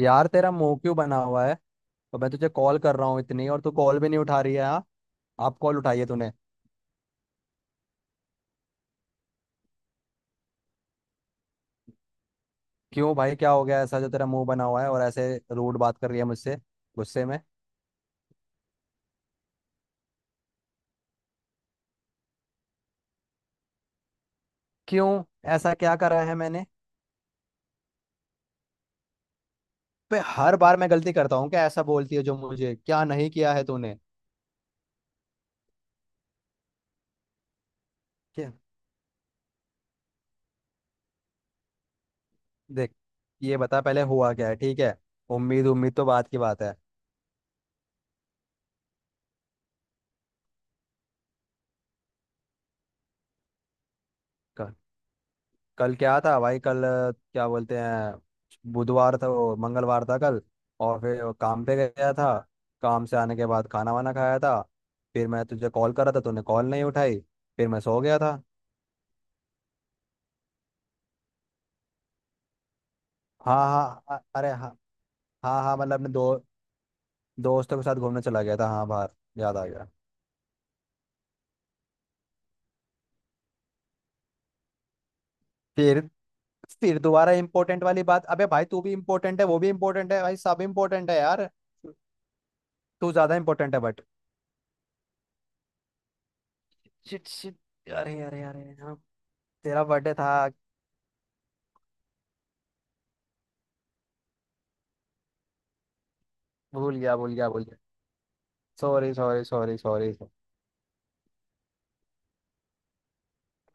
यार तेरा मुंह क्यों बना हुआ है। तो मैं तुझे कॉल कर रहा हूँ इतनी, और तू कॉल भी नहीं उठा रही है। हाँ, आप कॉल उठाइए तूने। क्यों भाई, क्या हो गया ऐसा जो तेरा मुंह बना हुआ है और ऐसे रूड बात कर रही है मुझसे गुस्से में? क्यों, ऐसा क्या करा है मैंने? पे हर बार मैं गलती करता हूँ क्या, ऐसा बोलती है जो मुझे, क्या नहीं किया है तूने? क्या? देख, ये बता पहले हुआ क्या है, ठीक है। उम्मीद उम्मीद तो बात की बात है। कल क्या था भाई? कल क्या बोलते हैं, बुधवार था, वो मंगलवार था कल। और फिर वो काम पे गया था। काम से आने के बाद खाना वाना खाया था। फिर मैं तुझे कॉल करा था, तूने कॉल नहीं उठाई। फिर मैं सो गया था। हाँ हाँ, अरे हाँ। हाँ हाँ, मतलब अपने दो दोस्तों के साथ घूमने चला गया था, हाँ, बाहर। याद आ गया। फिर फिर दोबारा इंपॉर्टेंट वाली बात। अबे भाई, तू भी इंपॉर्टेंट है, वो भी इंपॉर्टेंट है भाई, सब इंपॉर्टेंट है यार। तू ज्यादा इंपॉर्टेंट है, बट शिट शिट, अरे अरे अरे हाँ, तेरा बर्थडे था। भूल गया, भूल गया, भूल गया। Sorry sorry sorry sorry.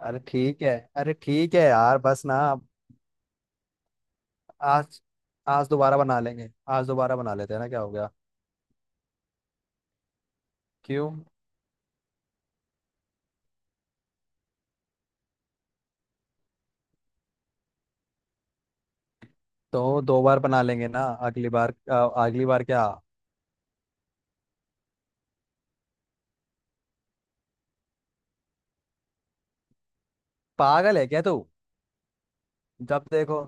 अरे ठीक है। अरे ठीक है यार, बस ना अब। आज आज दोबारा बना लेंगे। आज दोबारा बना लेते हैं ना, क्या हो गया? क्यों? तो 2 बार बना लेंगे ना अगली बार क्या? पागल है क्या तू? जब देखो।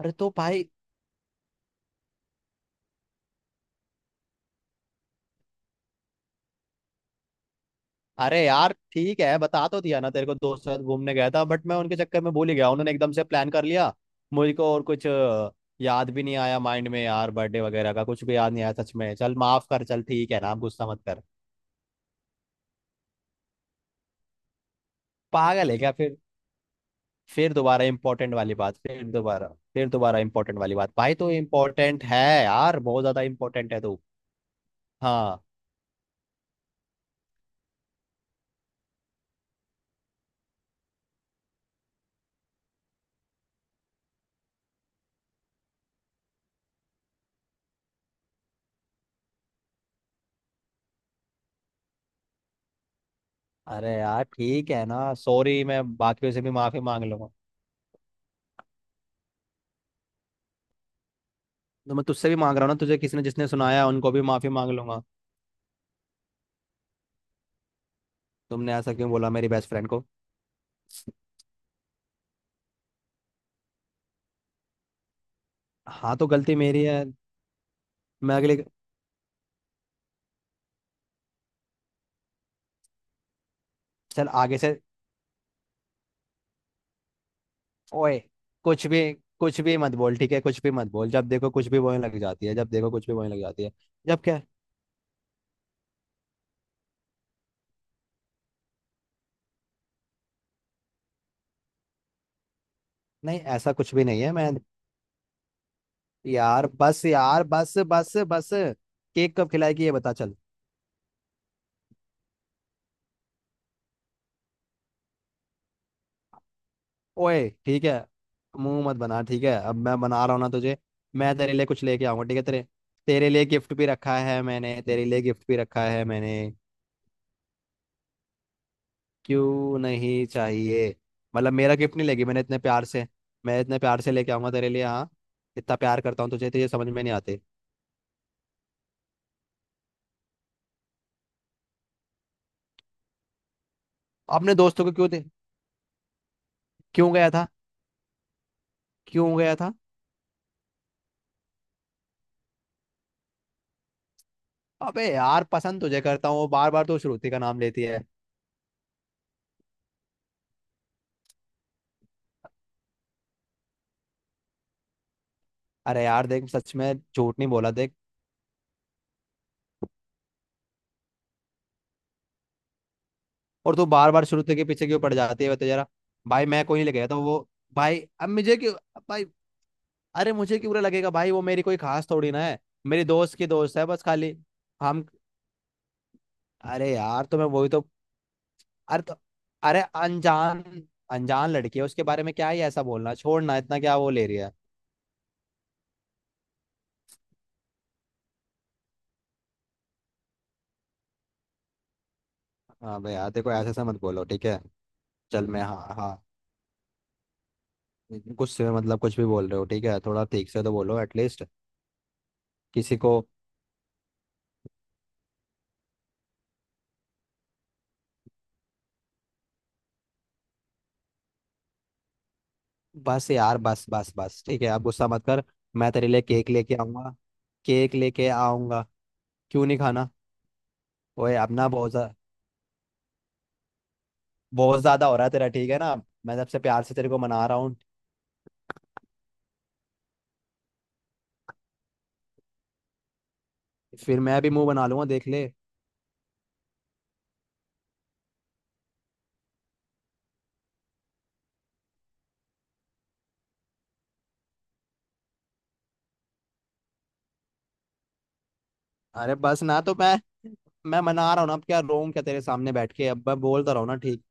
अरे तो भाई, अरे यार ठीक है। बता तो दिया ना तेरे को, दोस्त के साथ घूमने गया था, बट मैं उनके चक्कर में भूल ही गया, उन्होंने एकदम से प्लान कर लिया। मुझको और कुछ याद भी नहीं आया माइंड में यार, बर्थडे वगैरह का कुछ भी याद नहीं आया सच में। चल माफ कर, चल ठीक है ना, आप गुस्सा मत कर। पागल है क्या? फिर दोबारा इंपॉर्टेंट वाली बात। फिर दोबारा, फिर दोबारा इंपॉर्टेंट वाली बात भाई, तो इंपॉर्टेंट है यार, बहुत ज्यादा इंपॉर्टेंट है तू। हाँ। अरे यार ठीक है ना, सॉरी, मैं बाकियों से भी माफी मांग लूंगा। तो मैं तुझसे भी मांग रहा हूँ ना, तुझे किसी ने जिसने सुनाया उनको भी माफी मांग लूंगा। तुमने ऐसा क्यों बोला मेरी बेस्ट फ्रेंड को? हाँ, तो गलती मेरी है। मैं अगले चल आगे से। ओए, कुछ भी, कुछ भी मत बोल, ठीक है? कुछ भी मत बोल। जब देखो कुछ भी बोलने लग जाती है, जब देखो कुछ भी बोलने लग जाती है। जब क्या? नहीं, ऐसा कुछ भी नहीं है मैं। यार बस, यार बस बस बस, केक कब खिलाएगी ये बता, चल। ओए ठीक है, मुंह मत बना, ठीक है? अब मैं बना रहा हूँ ना तुझे। मैं तेरे लिए कुछ लेके आऊंगा, ठीक है? तेरे तेरे लिए गिफ्ट भी रखा है मैंने, तेरे लिए गिफ्ट भी रखा है मैंने। क्यों नहीं चाहिए? मतलब मेरा गिफ्ट नहीं लेगी? मैं इतने प्यार से लेके आऊंगा तेरे लिए, हाँ। इतना प्यार करता हूँ तुझे, तो ये समझ में नहीं आते। अपने दोस्तों को क्यों दे? क्यों गया था? क्यों गया था? अबे यार, पसंद तुझे करता हूँ, बार बार तू श्रुति का नाम लेती है। अरे यार देख, सच में झूठ नहीं बोला, देख। और तू बार बार श्रुति के पीछे क्यों पड़ जाती है, बता जरा? भाई मैं कोई नहीं ले गया था वो। भाई अब मुझे क्यों, भाई, अरे मुझे क्यों बुरा लगेगा भाई, वो मेरी कोई खास थोड़ी ना है। मेरी दोस्त की दोस्त है बस खाली। हम अरे यार, तो मैं वही तो, अरे तो, अरे, अनजान अनजान लड़की है, उसके बारे में क्या ही ऐसा बोलना? छोड़ ना, इतना क्या वो ले रही है? हाँ भाई यार, देखो ऐसे ऐसे मत बोलो, ठीक है? चल मैं, हाँ हाँ, गुस्से में मतलब कुछ भी बोल रहे हो, ठीक है? थोड़ा ठीक से तो बोलो एटलीस्ट, किसी को। बस यार, बस बस बस ठीक है, आप गुस्सा मत कर। मैं तेरे लिए केक लेके आऊंगा। केक लेके आऊंगा। क्यों नहीं खाना? ओए अपना बहुत बहुत ज्यादा हो रहा है तेरा, ठीक है ना? मैं सबसे प्यार से तेरे को मना रहा हूँ। फिर मैं भी मुंह बना लूंगा, देख ले। अरे बस ना, तो मैं मना रहा हूँ ना। अब क्या रोऊं क्या तेरे सामने बैठ के? अब मैं बोलता रहा हूँ ना, ठीक?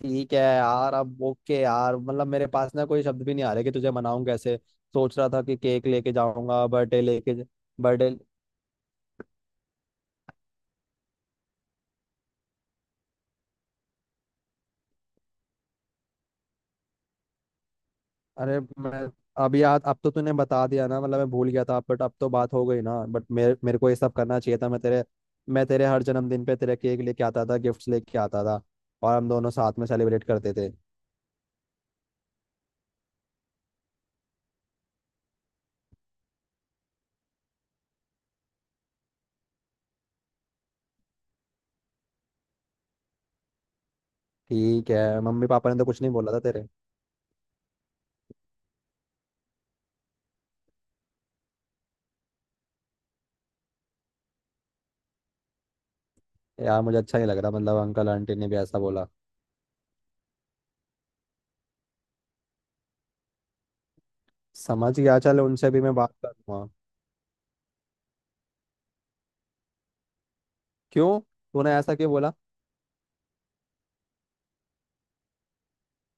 ठीक है यार, अब ओके यार, मतलब मेरे पास ना कोई शब्द भी नहीं आ रहे कि तुझे मनाऊं कैसे। सोच रहा था कि केक लेके जाऊंगा, बर्थडे लेके, बर्थडे। अरे मैं, अब यार, अब तो तूने बता दिया ना, मतलब मैं भूल गया था बट अब तो बात हो गई ना। बट मेरे मेरे को ये सब करना चाहिए था। मैं तेरे हर जन्मदिन पे तेरे केक लेके आता था, गिफ्ट्स लेके आता था और हम दोनों साथ में सेलिब्रेट करते थे। ठीक है, मम्मी पापा ने तो कुछ नहीं बोला था तेरे? यार मुझे अच्छा नहीं लग रहा, मतलब अंकल आंटी ने भी ऐसा बोला? समझ गया, चल उनसे भी मैं बात कर लूंगा। क्यों, तूने ऐसा क्यों बोला?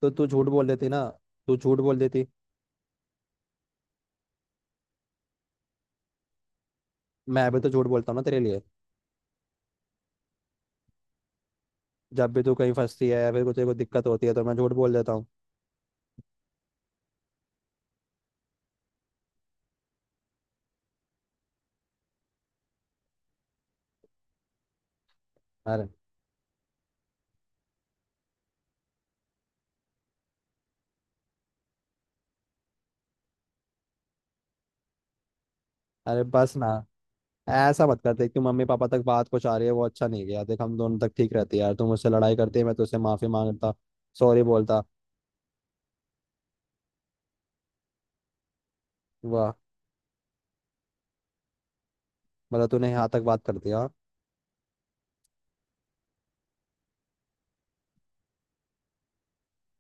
तो तू झूठ बोल देती ना, तू झूठ बोल देती। मैं भी तो झूठ बोलता हूँ ना तेरे लिए, जब भी तू कहीं फंसती है या फिर कुछ कोई दिक्कत होती है तो मैं झूठ बोल देता हूँ। अरे, अरे बस ना, ऐसा मत करते कि मम्मी पापा तक बात कुछ आ रही है, वो अच्छा नहीं गया। देख, हम दोनों तक ठीक रहती है यार, तू मुझसे लड़ाई करती है, मैं तुझसे माफी मांगता, सॉरी बोलता। वाह, मतलब तूने यहाँ तक बात कर दिया, हाँ?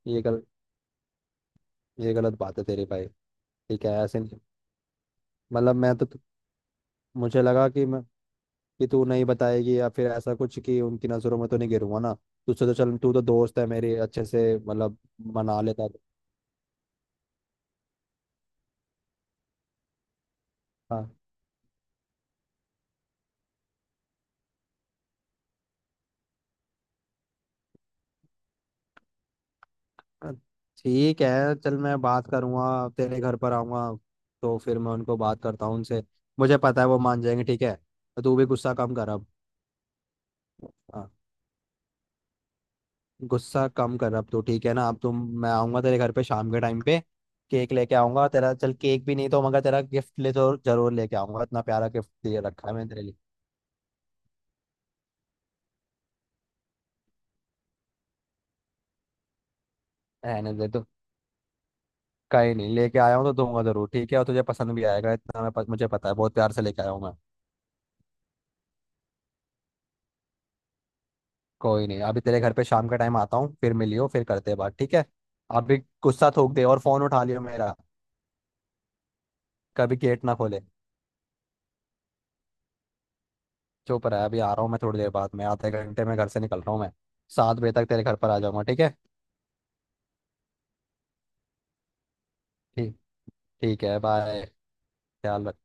ये गलत, ये गलत बात है तेरी भाई। ठीक है ऐसे नहीं, मतलब मैं तो, मुझे लगा कि तू नहीं बताएगी या फिर ऐसा कुछ, कि उनकी नज़रों में तो नहीं गिरूंगा ना। तुझसे तो चल, तू तो दोस्त है मेरी अच्छे से, मतलब मना लेता। हाँ ठीक है, चल मैं बात करूंगा, तेरे घर पर आऊंगा, तो फिर मैं उनको बात करता हूँ उनसे, मुझे पता है वो मान जाएंगे, ठीक है? तो तू भी गुस्सा कम कर अब। हाँ, गुस्सा कम कर अब तू, ठीक है ना? अब तुम, मैं आऊंगा तेरे घर पे शाम के टाइम पे। केक लेके आऊंगा तेरा, चल केक भी नहीं तो मगर तेरा गिफ्ट ले तो जरूर लेके आऊंगा, इतना प्यारा गिफ्ट दे रखा है मैंने तेरे लिए। रहने दे, कहीं नहीं, लेके आया हूँ तो दूंगा जरूर, ठीक है? और तुझे पसंद भी आएगा इतना, मैं, मुझे पता है, बहुत प्यार से लेके आया हूँ मैं। कोई नहीं, अभी तेरे घर पे शाम का टाइम आता हूँ, फिर मिलियो, फिर करते हैं बात, ठीक है? अभी गुस्सा थूक दे और फोन उठा लियो मेरा। कभी गेट ना खोले। चुप रहा, अभी आ रहा हूँ मैं थोड़ी देर बाद में, आधे घंटे में घर से निकल रहा हूँ मैं, 7 बजे तक तेरे घर पर आ जाऊंगा, ठीक है? ठीक, ठीक है बाय। ख्याल रख।